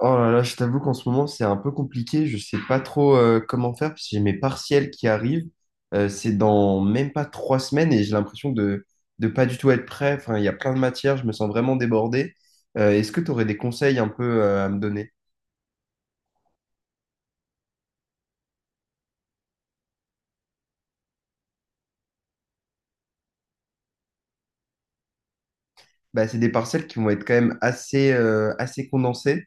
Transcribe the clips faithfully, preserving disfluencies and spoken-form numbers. Oh là là, je t'avoue qu'en ce moment, c'est un peu compliqué. Je sais pas trop euh, comment faire parce que j'ai mes partiels qui arrivent. Euh, c'est dans même pas trois semaines et j'ai l'impression de de pas du tout être prêt. Enfin, il y a plein de matières, je me sens vraiment débordé. Euh, est-ce que tu aurais des conseils un peu euh, à me donner? Bah, c'est des parcelles qui vont être quand même assez, euh, assez condensées.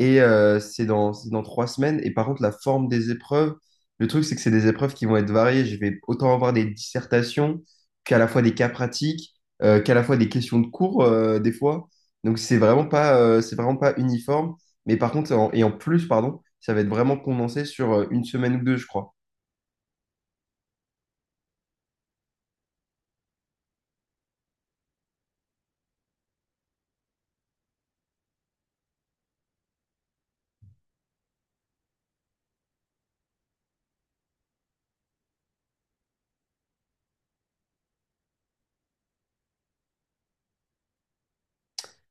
Et euh, c'est dans, c'est dans trois semaines. Et par contre, la forme des épreuves, le truc, c'est que c'est des épreuves qui vont être variées. Je vais autant avoir des dissertations qu'à la fois des cas pratiques, euh, qu'à la fois des questions de cours, euh, des fois. Donc, c'est vraiment pas, euh, c'est vraiment pas uniforme. Mais par contre, en- et en plus, pardon, ça va être vraiment condensé sur euh, une semaine ou deux, je crois.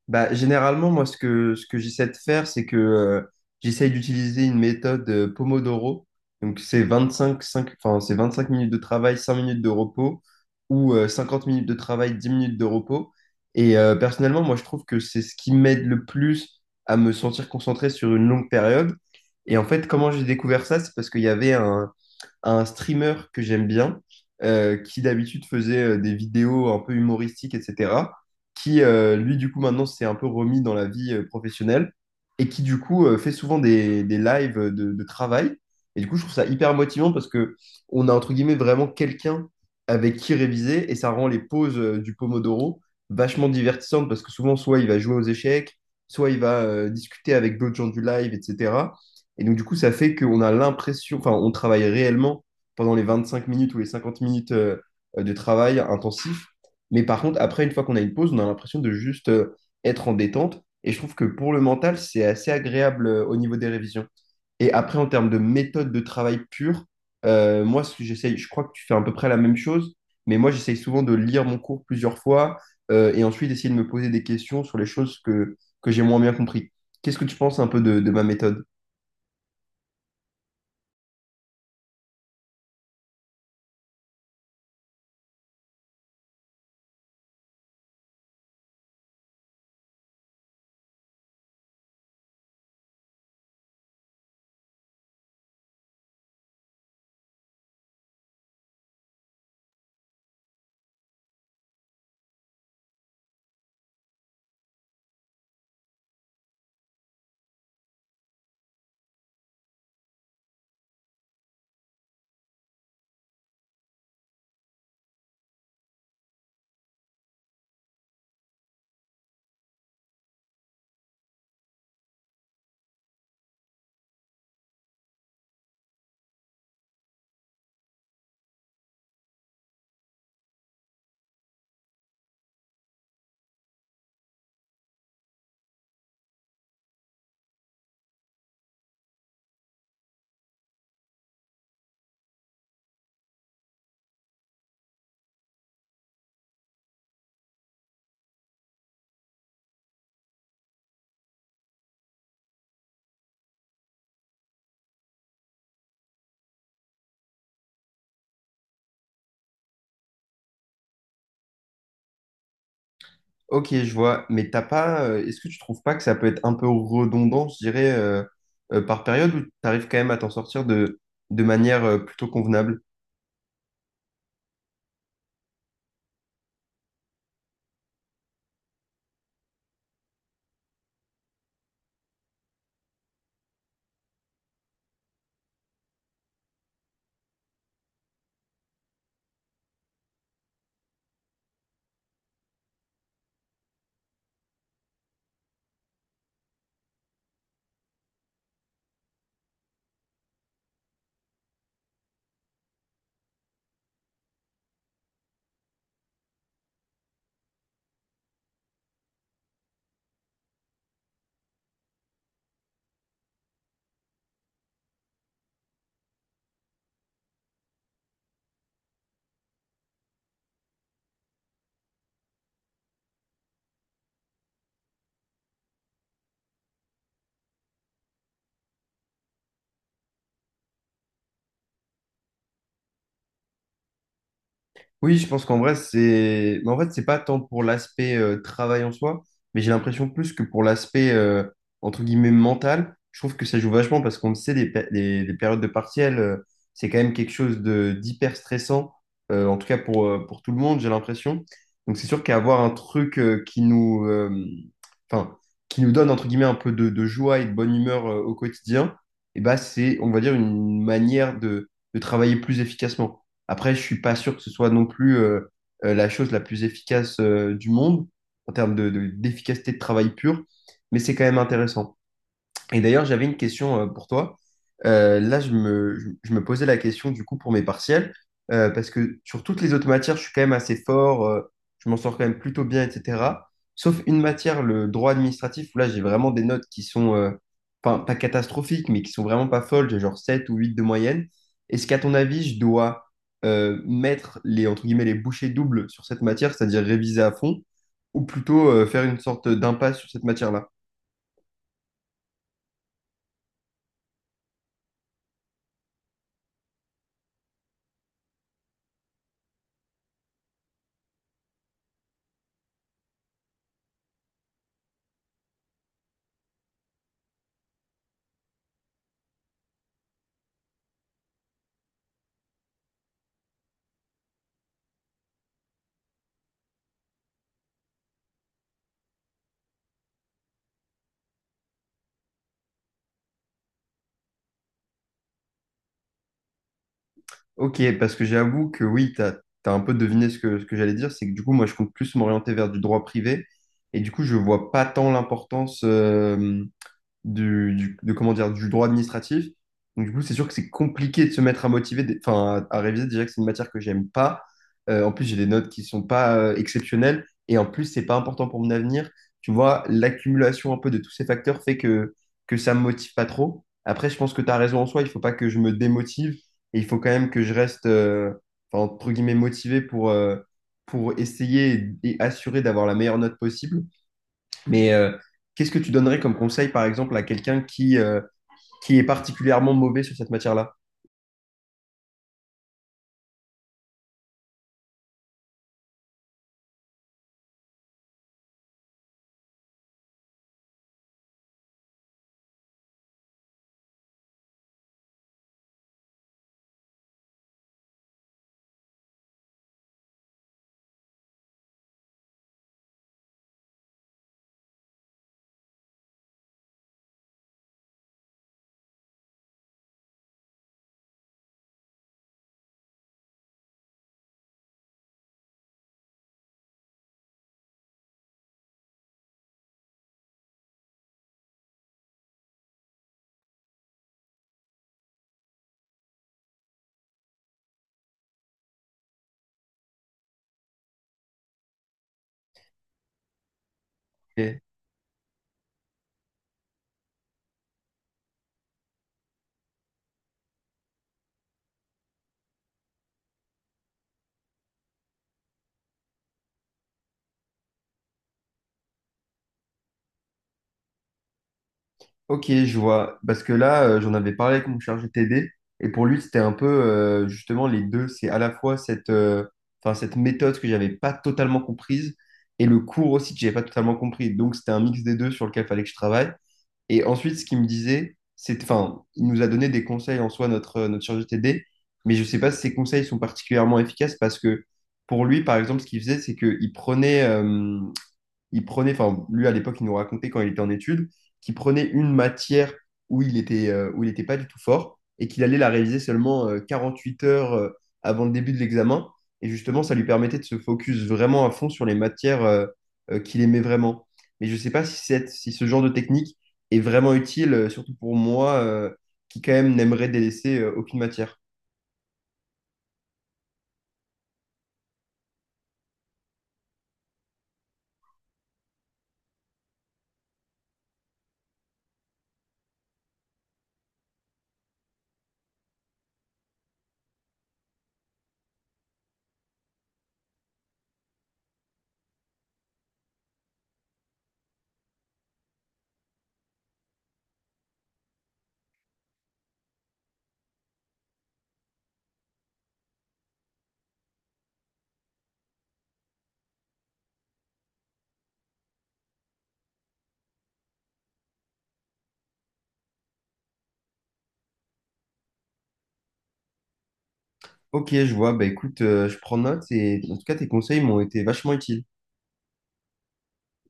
Bah, généralement, moi, ce que, ce que j'essaie de faire, c'est que euh, j'essaie d'utiliser une méthode euh, Pomodoro. Donc, c'est vingt-cinq cinq enfin, c'est vingt-cinq minutes de travail, cinq minutes de repos, ou euh, cinquante minutes de travail, dix minutes de repos. Et euh, personnellement, moi, je trouve que c'est ce qui m'aide le plus à me sentir concentré sur une longue période. Et en fait, comment j'ai découvert ça? C'est parce qu'il y avait un, à un streamer que j'aime bien, euh, qui d'habitude faisait euh, des vidéos un peu humoristiques, et cetera, qui, euh, lui, du coup, maintenant s'est un peu remis dans la vie euh, professionnelle et qui, du coup, euh, fait souvent des, des lives de, de travail. Et du coup, je trouve ça hyper motivant parce que on a, entre guillemets, vraiment quelqu'un avec qui réviser et ça rend les pauses euh, du Pomodoro vachement divertissantes parce que souvent, soit il va jouer aux échecs, soit il va euh, discuter avec d'autres gens du live, et cetera. Et donc, du coup, ça fait qu'on a l'impression, enfin, on travaille réellement pendant les vingt-cinq minutes ou les cinquante minutes euh, de travail intensif. Mais par contre, après, une fois qu'on a une pause, on a l'impression de juste euh, être en détente. Et je trouve que pour le mental, c'est assez agréable euh, au niveau des révisions. Et après, en termes de méthode de travail pure, euh, moi, ce que j'essaye, je crois que tu fais à peu près la même chose, mais moi, j'essaye souvent de lire mon cours plusieurs fois euh, et ensuite d'essayer de me poser des questions sur les choses que, que j'ai moins bien compris. Qu'est-ce que tu penses un peu de, de ma méthode? Ok, je vois, mais t'as pas, euh, est-ce que tu trouves pas que ça peut être un peu redondant, je dirais, euh, euh, par période, ou t'arrives quand même à t'en sortir de, de manière euh, plutôt convenable? Oui, je pense qu'en vrai, c'est. Mais en fait, c'est pas tant pour l'aspect euh, travail en soi, mais j'ai l'impression plus que pour l'aspect, euh, entre guillemets, mental. Je trouve que ça joue vachement parce qu'on le sait, les, pé- les- les périodes de partiel, euh, c'est quand même quelque chose de d'hyper stressant, euh, en tout cas pour, euh, pour tout le monde, j'ai l'impression. Donc, c'est sûr qu'avoir un truc euh, qui nous, euh, enfin, qui nous donne, entre guillemets, un peu de, de joie et de bonne humeur euh, au quotidien, et bah, c'est, on va dire, une manière de de travailler plus efficacement. Après, je suis pas sûr que ce soit non plus euh, euh, la chose la plus efficace euh, du monde en termes de, de- d'efficacité de travail pure, mais c'est quand même intéressant. Et d'ailleurs, j'avais une question euh, pour toi. Euh, là, je me, je, je me posais la question du coup pour mes partiels, euh, parce que sur toutes les autres matières, je suis quand même assez fort, euh, je m'en sors quand même plutôt bien, et cetera. Sauf une matière, le droit administratif, où là, j'ai vraiment des notes qui sont, euh, enfin, pas catastrophiques, mais qui sont vraiment pas folles, j'ai genre sept ou huit de moyenne. Est-ce qu'à ton avis, je dois euh, mettre les, entre guillemets, les bouchées doubles sur cette matière, c'est-à-dire réviser à fond, ou plutôt euh, faire une sorte d'impasse sur cette matière-là? Ok, parce que j'avoue que oui, tu as, un peu deviné ce que, ce que j'allais dire, c'est que du coup, moi, je compte plus m'orienter vers du droit privé, et du coup, je vois pas tant l'importance. euh, du, du- de, comment dire, du droit administratif. Donc, du coup, c'est sûr que c'est compliqué de se mettre à motiver, des- enfin, à, à réviser. Déjà que c'est une matière que j'aime pas. Euh, en plus, j'ai des notes qui sont pas euh, exceptionnelles. Et en plus, c'est pas important pour mon avenir. Tu vois, l'accumulation un peu de tous ces facteurs fait que, que ça me motive pas trop. Après, je pense que tu as raison en soi. Il faut pas que je me démotive. Et il faut quand même que je reste, euh, enfin, entre guillemets, motivé pour, euh, pour essayer et, et assurer d'avoir la meilleure note possible. Mais euh, qu'est-ce que tu donnerais comme conseil, par exemple, à quelqu'un qui, euh, qui est particulièrement mauvais sur cette matière-là? Et, ok, je vois. Parce que là, euh, j'en avais parlé avec mon chargé T D, et pour lui, c'était un peu euh, justement les deux. C'est à la fois cette, euh, enfin, cette méthode que j'avais pas totalement comprise, et le cours aussi que j'avais pas totalement compris. Donc, c'était un mix des deux sur lequel fallait que je travaille. Et ensuite, ce qu'il me disait, c'est, enfin, il nous a donné des conseils en soi, notre, euh, notre chargé de T D, mais je ne sais pas si ces conseils sont particulièrement efficaces parce que pour lui, par exemple, ce qu'il faisait, c'est qu'il prenait, euh, il prenait, enfin, lui à l'époque, il nous racontait quand il était en études, qu'il prenait une matière où il était, euh, où il n'était pas du tout fort et qu'il allait la réviser seulement euh, quarante-huit heures euh, avant le début de l'examen. Et justement, ça lui permettait de se focus vraiment à fond sur les matières euh, euh, qu'il aimait vraiment. Mais je ne sais pas si, cette- si ce genre de technique est vraiment utile, euh, surtout pour moi, euh, qui quand même n'aimerais délaisser euh, aucune matière. Ok, je vois. Bah écoute, euh, je prends note et en tout cas, tes conseils m'ont été vachement utiles.